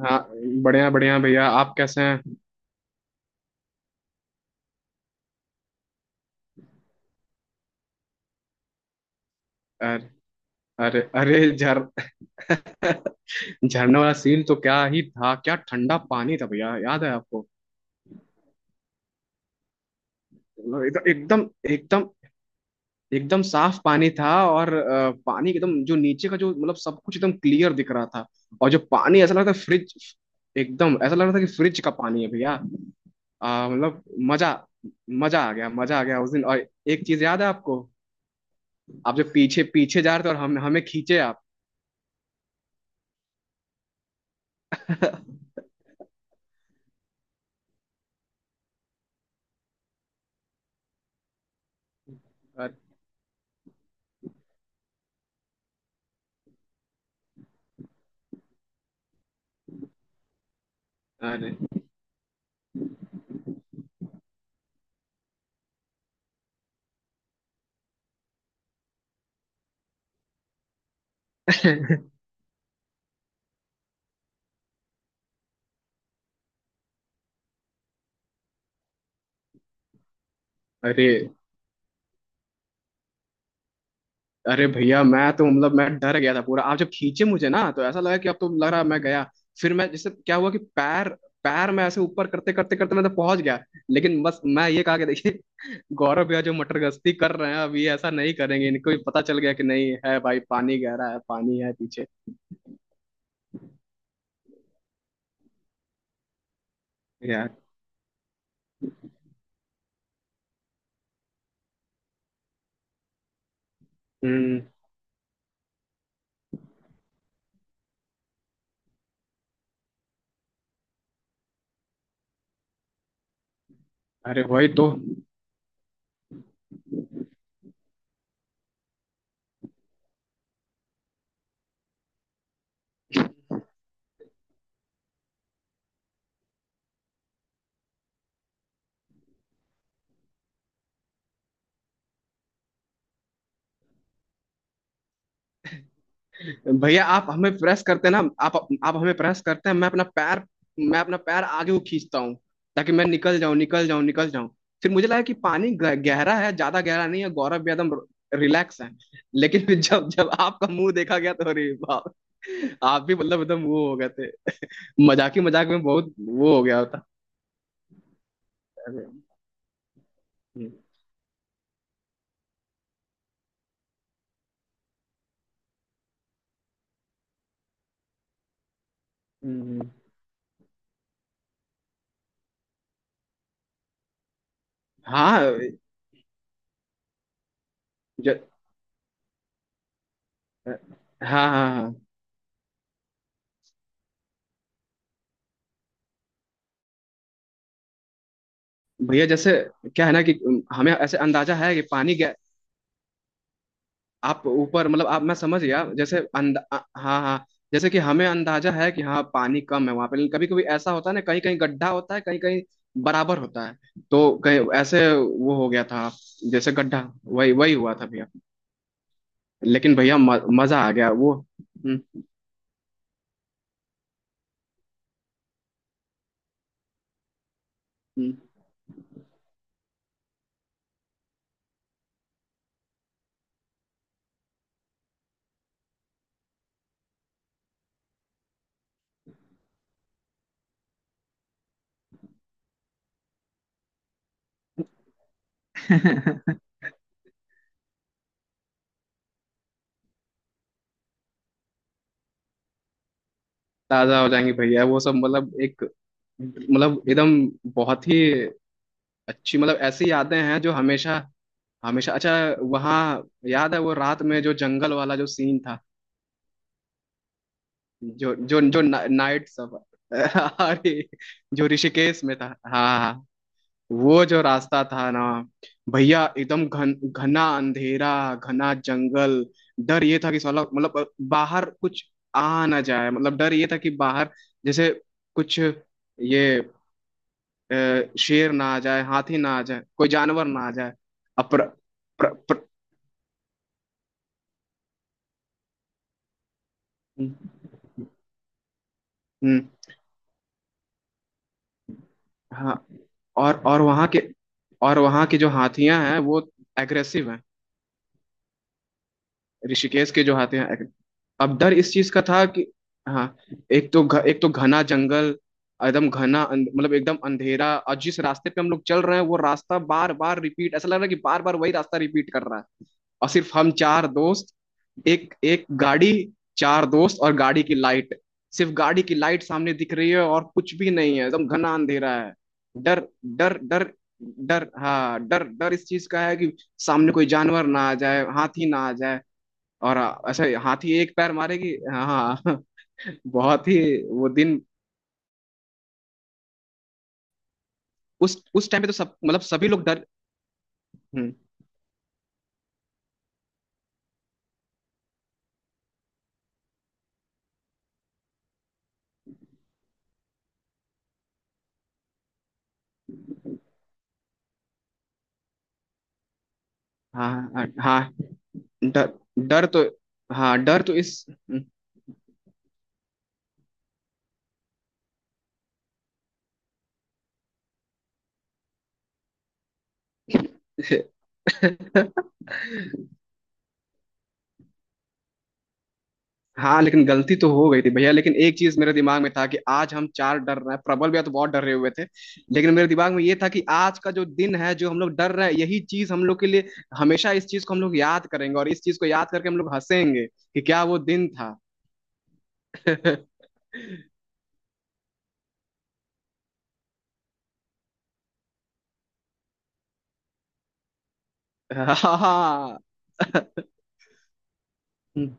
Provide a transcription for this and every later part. हाँ। बढ़िया बढ़िया भैया, आप कैसे हैं? अरे अरे अरे, झर झरने वाला सीन तो क्या ही था। क्या ठंडा पानी था भैया, याद है आपको? मतलब एकदम एकदम एकदम एकदम साफ पानी था, और पानी एकदम जो नीचे का, जो मतलब सब कुछ एकदम क्लियर दिख रहा था। और जो पानी ऐसा लग रहा था फ्रिज, एकदम ऐसा लग रहा था कि फ्रिज का पानी है भैया। मतलब मजा मजा आ गया, मजा आ गया उस दिन। और एक चीज याद है आपको? आप जो पीछे पीछे जा रहे थे, और हम हमें खींचे आप। अरे अरे अरे भैया, मैं तो मतलब मैं डर गया था पूरा। आप जब खींचे मुझे ना, तो ऐसा लगा कि अब तो लग रहा है मैं गया। फिर मैं, जैसे क्या हुआ कि पैर, पैर मैं ऐसे ऊपर करते करते करते मैं तो पहुंच गया। लेकिन बस मैं ये कहा कि देखिए, गौरव भैया जो मटर गश्ती कर रहे हैं, अब ये ऐसा नहीं करेंगे, इनको भी पता चल गया कि नहीं है भाई, पानी गहरा है, पानी है पीछे। यार। हम्म। अरे, वही तो। भैया, आप हमें प्रेस करते हैं ना? आप आप हमें प्रेस करते हैं, मैं अपना पैर, मैं अपना पैर आगे को खींचता हूँ, ताकि मैं निकल जाऊं, निकल जाऊं, निकल जाऊं। फिर मुझे लगा कि पानी गहरा है, ज्यादा गहरा नहीं है, गौरव भी एकदम रिलैक्स है। लेकिन फिर जब जब आपका मुंह देखा गया, तो अरे बाप। आप भी मतलब एकदम वो हो गए थे, मजाक ही मजाक में बहुत वो हो गया होता। अरे। हम्म। हम्म। हाँ। ज, हाँ हाँ हाँ। भैया जैसे, क्या है ना कि हमें ऐसे अंदाजा है कि पानी आप ऊपर, मतलब आप, मैं समझ गया, जैसे हाँ हाँ। जैसे कि हमें अंदाजा है कि हाँ पानी कम है वहां पे, लेकिन कभी कभी ऐसा होता है ना, कहीं कहीं गड्ढा होता है, कहीं कहीं बराबर होता है, तो कहीं ऐसे वो हो गया था, जैसे गड्ढा, वही वही हुआ था भैया। लेकिन भैया मजा आ गया वो। हम्म। हम्म। ताजा हो जाएंगे भैया, वो सब मतलब एक, मतलब एकदम, बहुत ही अच्छी, मतलब ऐसी यादें हैं जो हमेशा, हमेशा अच्छा वहाँ। याद है वो रात में जो जंगल वाला जो सीन था, जो जो जो ना, नाइट सब अरे, जो ऋषिकेश में था। हाँ हाँ। वो जो रास्ता था ना भैया, एकदम घन घना अंधेरा, घना जंगल। डर ये था कि साला, मतलब बाहर कुछ आ ना जाए, मतलब डर ये था कि बाहर जैसे कुछ ये, शेर ना आ जाए, हाथी ना आ जाए, कोई जानवर ना आ जाए। अपर प्र, प्र, हम्म। हाँ। और वहाँ के, और वहाँ की जो हाथियां हैं वो एग्रेसिव हैं, ऋषिकेश के जो आते हैं। अब डर इस चीज का था कि हाँ, एक तो एक तो घना जंगल, एकदम घना मतलब एकदम अंधेरा, और जिस रास्ते पे हम लोग चल रहे हैं वो रास्ता बार बार रिपीट, ऐसा लग रहा है कि बार बार वही रास्ता रिपीट कर रहा है। और सिर्फ हम चार दोस्त, एक एक गाड़ी, चार दोस्त और गाड़ी की लाइट, सिर्फ गाड़ी की लाइट सामने दिख रही है, और कुछ भी नहीं है, एकदम घना अंधेरा है। डर डर डर डर, हाँ, डर, डर इस चीज का है कि सामने कोई जानवर ना आ जाए, हाथी ना आ जाए। और अच्छा, हाथी एक पैर मारेगी। हाँ हाँ बहुत ही वो दिन, उस टाइम पे तो सब मतलब सभी लोग डर। हम्म। हाँ हाँ हाँ। डर, डर तो, हाँ, डर तो इस। हाँ, लेकिन गलती तो हो गई थी भैया, लेकिन एक चीज मेरे दिमाग में था कि आज हम चार डर रहे हैं, प्रबल भैया तो बहुत डर रहे हुए थे, लेकिन मेरे दिमाग में ये था कि आज का जो दिन है, जो हम लोग डर रहे हैं, यही चीज हम लोग के लिए हमेशा, इस चीज को हम लोग याद करेंगे, और इस चीज को याद करके हम लोग हंसेंगे कि क्या वो दिन था। हाँ। हम्म।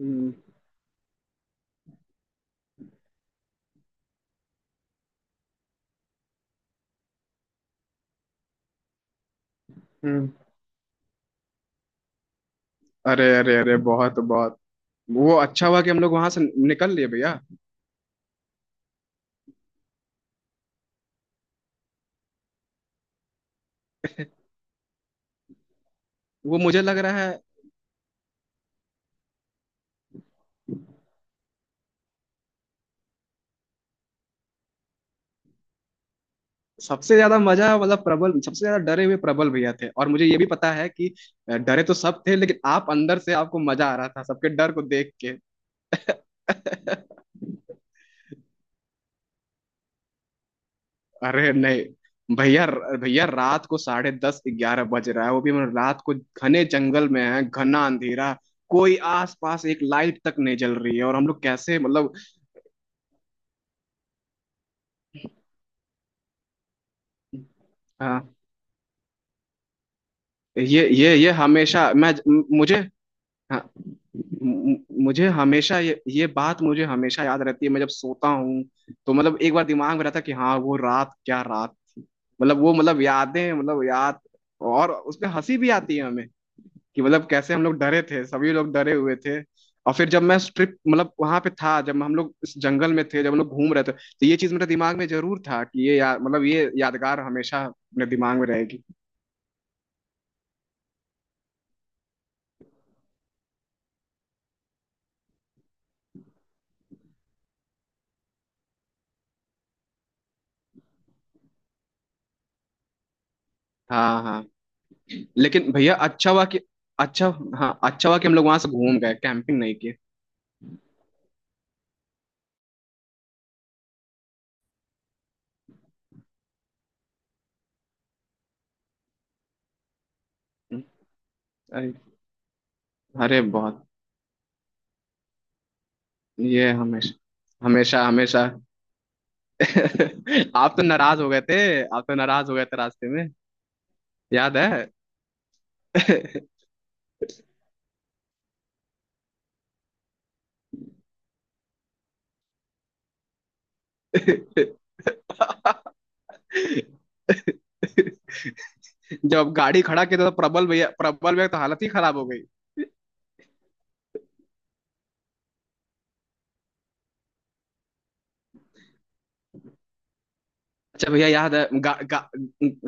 हम्म। हम्म। अरे अरे अरे, बहुत बहुत वो, अच्छा हुआ कि हम लोग वहां से निकल लिए भैया। वो मुझे लग रहा है सबसे ज्यादा मजा, मतलब प्रबल सबसे ज्यादा डरे हुए, प्रबल भैया थे, और मुझे ये भी पता है कि डरे तो सब थे, लेकिन आप अंदर से, आपको मजा आ रहा था सबके डर को देख के। अरे नहीं भैया, भैया रात को 10:30, 11 बज रहा है, वो भी मतलब रात को, घने जंगल में है, घना अंधेरा, कोई आस पास एक लाइट तक नहीं जल रही है, और हम लोग कैसे, मतलब। हाँ, ये हमेशा मैं, मुझे, हाँ, मु- मुझे हमेशा ये बात मुझे हमेशा याद रहती है। मैं जब सोता हूँ, तो मतलब एक बार दिमाग में रहता है कि हाँ वो रात क्या रात थी, मतलब वो मतलब यादें मतलब याद। और उसमें हंसी भी आती है कि मतलब कैसे हम लोग डरे थे, सभी लोग डरे हुए थे। और फिर जब मैं ट्रिप, मतलब वहां पे था, जब हम लोग इस जंगल में थे, जब हम लोग घूम रहे थे, तो ये चीज मेरे दिमाग में जरूर था कि ये मतलब ये यादगार हमेशा मेरे दिमाग में रहेगी। हाँ हाँ। लेकिन भैया अच्छा हुआ कि अच्छा, हाँ अच्छा हुआ कि हम लोग वहां से घूम गए, कैंपिंग नहीं किए। हम्म। अरे अरे, बहुत, ये हमेशा, हमेशा हमेशा आप तो नाराज हो गए थे, आप तो नाराज हो गए थे रास्ते में, याद है? जब गाड़ी खड़ा किया था, तो प्रबल भैया, प्रबल भैया तो हालत ही खराब हो गई। अच्छा भैया, याद है गा, गा,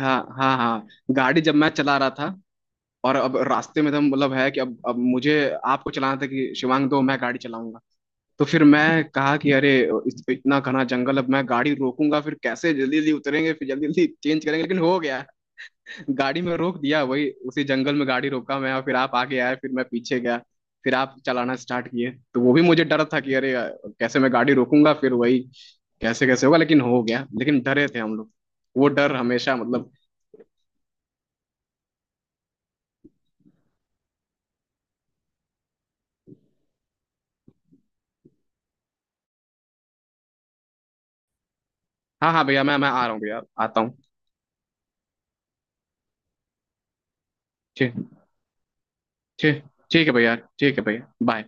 हाँ हाँ हाँ, गाड़ी जब मैं चला रहा था, और अब रास्ते में तो मतलब है कि अब मुझे, आपको चलाना था कि शिवांग दो मैं गाड़ी चलाऊंगा। तो फिर मैं कहा कि अरे, इतना घना जंगल, अब मैं गाड़ी रोकूंगा, फिर कैसे जल्दी जल्दी उतरेंगे, फिर जल्दी जल्दी चेंज करेंगे, लेकिन हो गया। गाड़ी में रोक दिया वही, उसी जंगल में गाड़ी रोका मैं, और फिर आप आगे आए, फिर मैं पीछे गया। फिर आप चलाना स्टार्ट किए, तो वो भी मुझे डर था कि अरे, कैसे मैं गाड़ी रोकूंगा फिर, वही कैसे कैसे होगा, लेकिन हो गया, लेकिन डरे थे हम लोग, वो डर हमेशा मतलब। हाँ हाँ भैया, मैं आ रहा हूँ भैया, आता हूँ। ठीक। ठीक। ठीक है भैया, ठीक है भैया, बाय।